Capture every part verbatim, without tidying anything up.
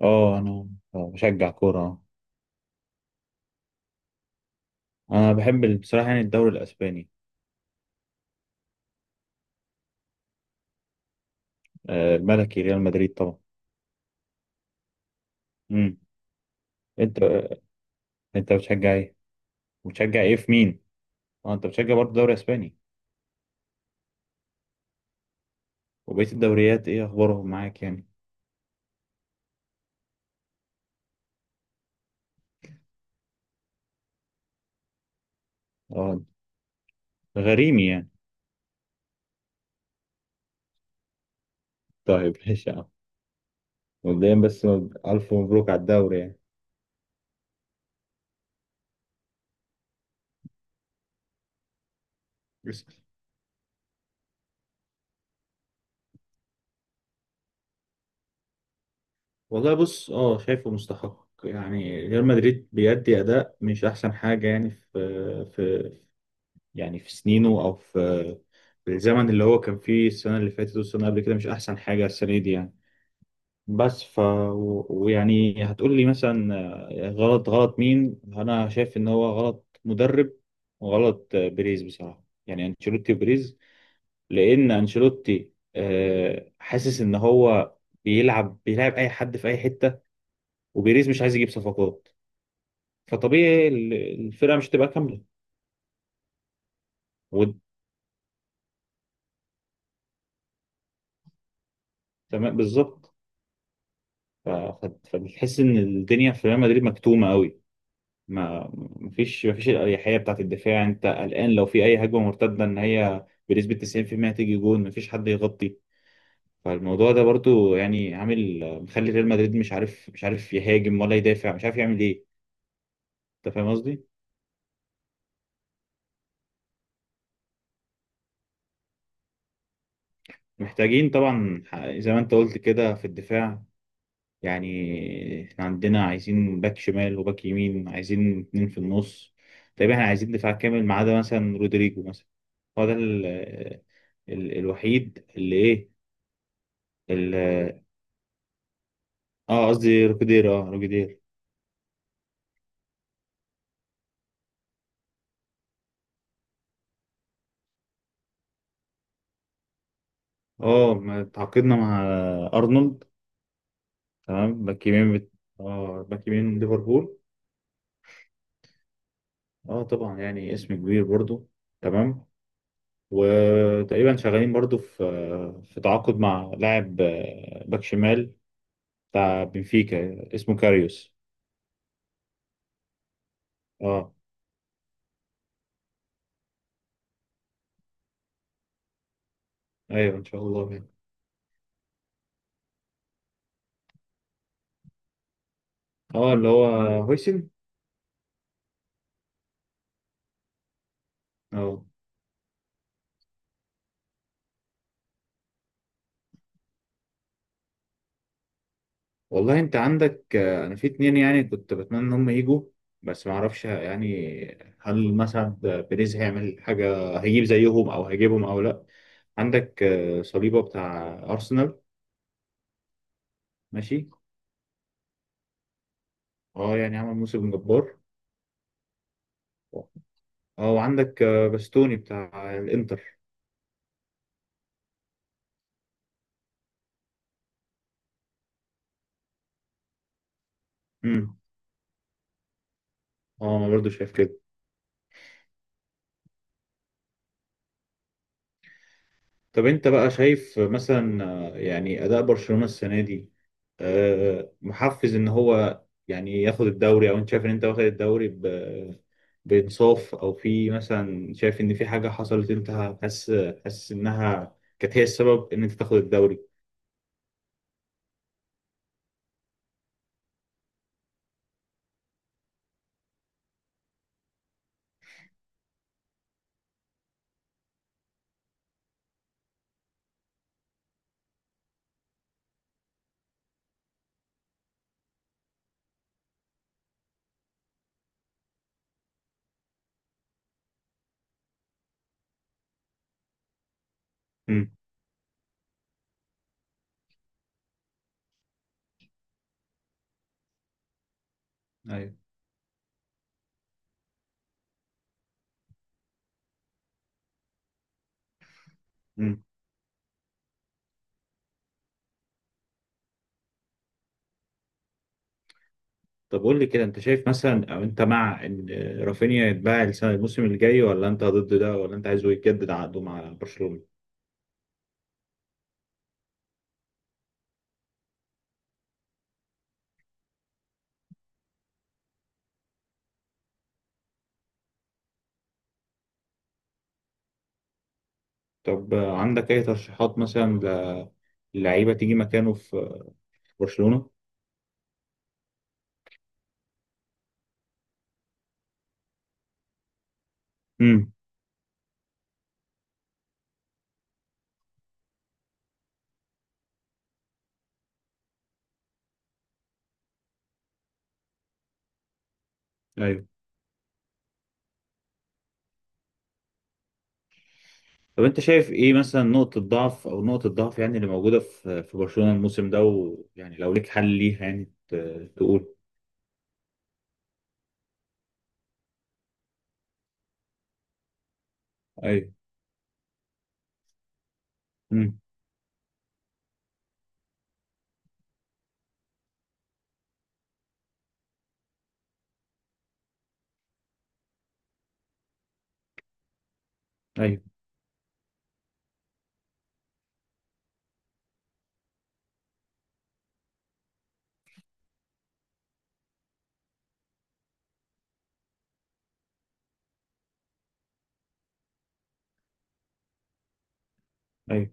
اه، انا بشجع كورة آه. انا بحب ال- بصراحة يعني الدوري الاسباني آه، الملكي ريال مدريد طبعا. امم. انت انت بتشجع ايه بتشجع ايه في مين؟ اه، انت بتشجع برضه الدوري الاسباني. وبقية الدوريات ايه اخبارهم معاك يعني؟ اه، غريمي يعني. طيب ماشي يا عم. مبدئيا بس، الف مبروك على الدوري يعني. بس. والله بص، اه شايفه مستحق، يعني ريال مدريد بيأدي اداء مش احسن حاجة، يعني في في يعني في سنينه او في الزمن اللي هو كان فيه، السنة اللي فاتت والسنة قبل كده مش أحسن حاجة السنة دي يعني. بس ف و- ويعني هتقول لي مثلا آه، غلط غلط مين؟ أنا شايف إن هو غلط مدرب، وغلط آه، بيريز، بصراحة يعني أنشيلوتي وبيريز. لأن أنشيلوتي آه، حاسس إن هو بيلعب بيلعب أي حد في أي حتة، وبيريز مش عايز يجيب صفقات، فطبيعي ال- الفرقة مش هتبقى كاملة. وتمام بالظبط. ف- ف- فبتحس إن الدنيا في ريال مدريد مكتومة أوي. ما مفيش مفيش الأريحية بتاعت الدفاع، أنت قلقان لو في أي هجمة مرتدة إن هي بنسبة تسعين في المية تيجي جون مفيش حد يغطي. فالموضوع ده برضو يعني عامل، مخلي ريال مدريد مش عارف مش عارف يهاجم ولا يدافع، مش عارف يعمل إيه. أنت فاهم قصدي؟ محتاجين طبعا، ح- زي ما أنت قلت كده في الدفاع، يعني إحنا عندنا عايزين باك شمال وباك يمين، عايزين اتنين في النص. طيب إحنا عايزين دفاع كامل ما عدا مثلا رودريجو مثلا، هو ده ال- ال- الوحيد اللي إيه. اه قصدي روكيدير، اه روكيدير. اه، اه ما تعاقدنا مع ارنولد. تمام، باك يمين بت... اه، باك يمين من ليفربول. اه طبعا، يعني اسم كبير برضو. تمام. وتقريبا شغالين برضو في في تعاقد مع لاعب آه، باك شمال بتاع بنفيكا اسمه كاريوس. اه، ايوه ان شاء الله يعني. اه، اللي هو هويسن. اه، والله انت عندك آه، انا في اتنين يعني كنت بتمنى ان هم يجوا، بس ما اعرفش يعني هل مثلا بيريز هيعمل حاجه، هيجيب زيهم او هيجيبهم او لا. عندك آه، صليبه بتاع ارسنال. ماشي. اه، يعني عمل موسم جبار. اه، وعندك آه، باستوني بتاع الانتر. امم. اه، انا برضه شايف كده. طب انت بقى شايف مثلا آه، يعني اداء برشلونة السنة دي آه، محفز ان هو يعني ياخد الدوري؟ او انت شايف ان انت واخد الدوري ب- بانصاف، او في مثلا شايف ان في حاجة حصلت، انت حاسس حاسس انها كانت هي السبب ان انت تاخد الدوري؟ امم. ايوه. امم. طب قول لي كده، انت شايف مثلا او انت مع ان رافينيا يتباع السنة الموسم الجاي، ولا انت ضد ده، ولا انت عايزه يجدد عقده مع برشلونة؟ طب آه، عندك أي ترشيحات مثلا للعيبة تيجي مكانه في برشلونة؟ امم. أيوه. طب أنت شايف إيه مثلا نقطة ضعف، أو نقطة ضعف يعني اللي موجودة في في برشلونة الموسم ده، ويعني لو ليك حل ليها يعني ت- تقول. أيوه. امم. أيوه. أيوه.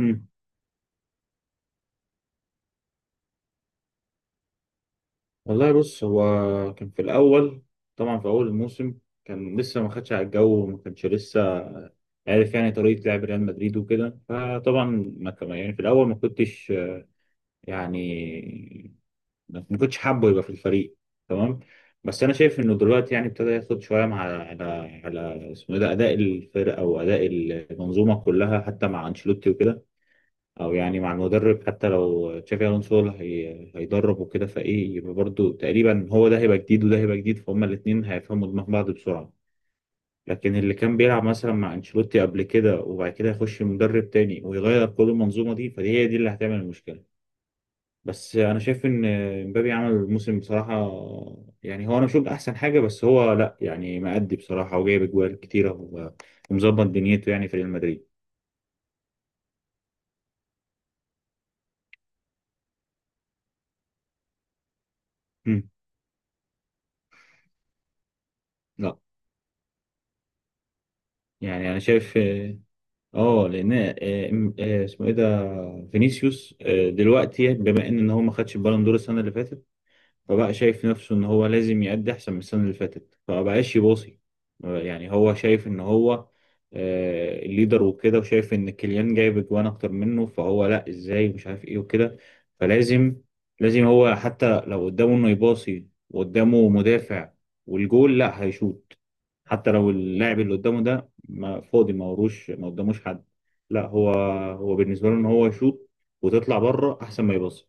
امم. والله بص هو كان في الأول، طبعا في أول الموسم كان لسه ما خدش على الجو، وما كانش لسه عارف يعني طريقة لعب ريال مدريد وكده. فطبعا ما كان يعني في الأول، ما كنتش يعني ما كنتش حابه يبقى في الفريق. تمام. بس انا شايف انه دلوقتي يعني ابتدى ياخد شويه مع على على اسمه إيه ده، اداء الفرقه او اداء المنظومه كلها، حتى مع انشيلوتي وكده، او يعني مع المدرب حتى لو تشافي الونسو اللي هي... هيدرب وكده. فايه يبقى برضه تقريبا هو ده هيبقى جديد وده هيبقى جديد، فهم الاثنين هيفهموا دماغ بعض بسرعه. لكن اللي كان بيلعب مثلا مع انشيلوتي قبل كده وبعد كده يخش مدرب تاني ويغير كل المنظومه دي، فدي هي دي اللي هتعمل المشكله. بس انا شايف ان مبابي عمل الموسم بصراحه. يعني هو انا مش هقول احسن حاجه، بس هو لا يعني مأدي بصراحه، وجايب اجوال كتيره و- ومظبط دنيته يعني في ريال مدريد. مم. لا، يعني انا شايف اه آه، لان آه، آه، اسمه ايه ده فينيسيوس، آه، دلوقتي بما ان إن هو ما خدش البالون دور السنه اللي فاتت، فبقى شايف نفسه ان هو لازم يأدي احسن من السنة اللي فاتت فمبقاش يباصي. يعني هو شايف ان هو آه، الليدر وكده، وشايف ان كيليان جايب اجوان اكتر منه، فهو لا ازاي مش عارف ايه وكده. فلازم لازم هو حتى لو قدامه انه يباصي وقدامه مدافع والجول لا هيشوط. حتى لو اللاعب اللي قدامه ده ما فاضي، ما وروش، ما قداموش حد، لا هو هو بالنسبة له ان هو يشوط وتطلع بره احسن ما يباصي.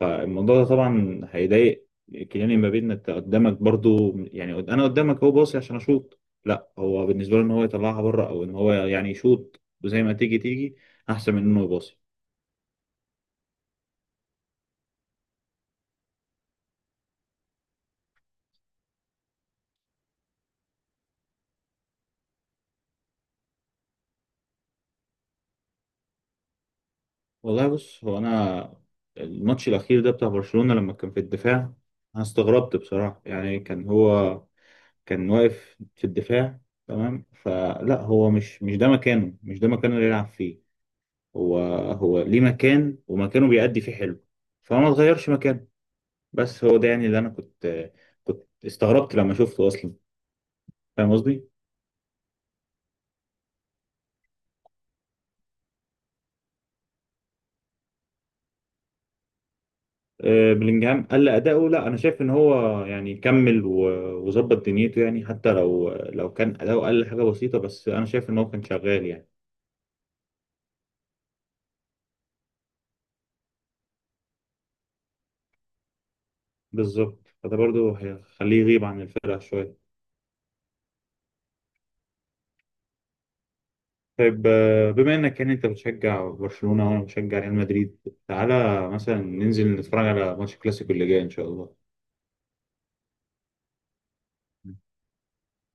فالموضوع ده طبعا هيضايق كيليان امبابي، ان انت قدامك برضو، يعني قد- انا قدامك هو باصي عشان اشوط، لا هو بالنسبه له ان هو يطلعها بره، او ان هو يعني يشوط وزي ما تيجي تيجي، احسن من انه يباصي. والله بص هو انا الماتش الاخير ده بتاع برشلونه لما كان في الدفاع، انا استغربت بصراحه. يعني كان هو كان واقف في الدفاع، تمام. فلا هو مش مش ده مكانه، مش ده مكانه اللي يلعب فيه. هو هو ليه مكان، ومكانه بيأدي فيه حلو، فما تغيرش مكانه. بس هو ده يعني اللي انا كنت كنت استغربت لما شفته اصلا، فاهم قصدي؟ آه، بلينجهام قل اداؤه. لا، انا شايف ان هو يعني كمل و- وظبط دنيته، يعني حتى لو لو كان اداؤه قل حاجه بسيطه، بس انا شايف ان هو كان شغال يعني. بالظبط، فده برضو هيخليه يغيب عن الفرقه شويه. طيب، آه، بما انك يعني انت بتشجع برشلونه وانا بشجع ريال مدريد، تعالى مثلا ننزل نتفرج على ماتش الكلاسيكو اللي جاي ان شاء الله.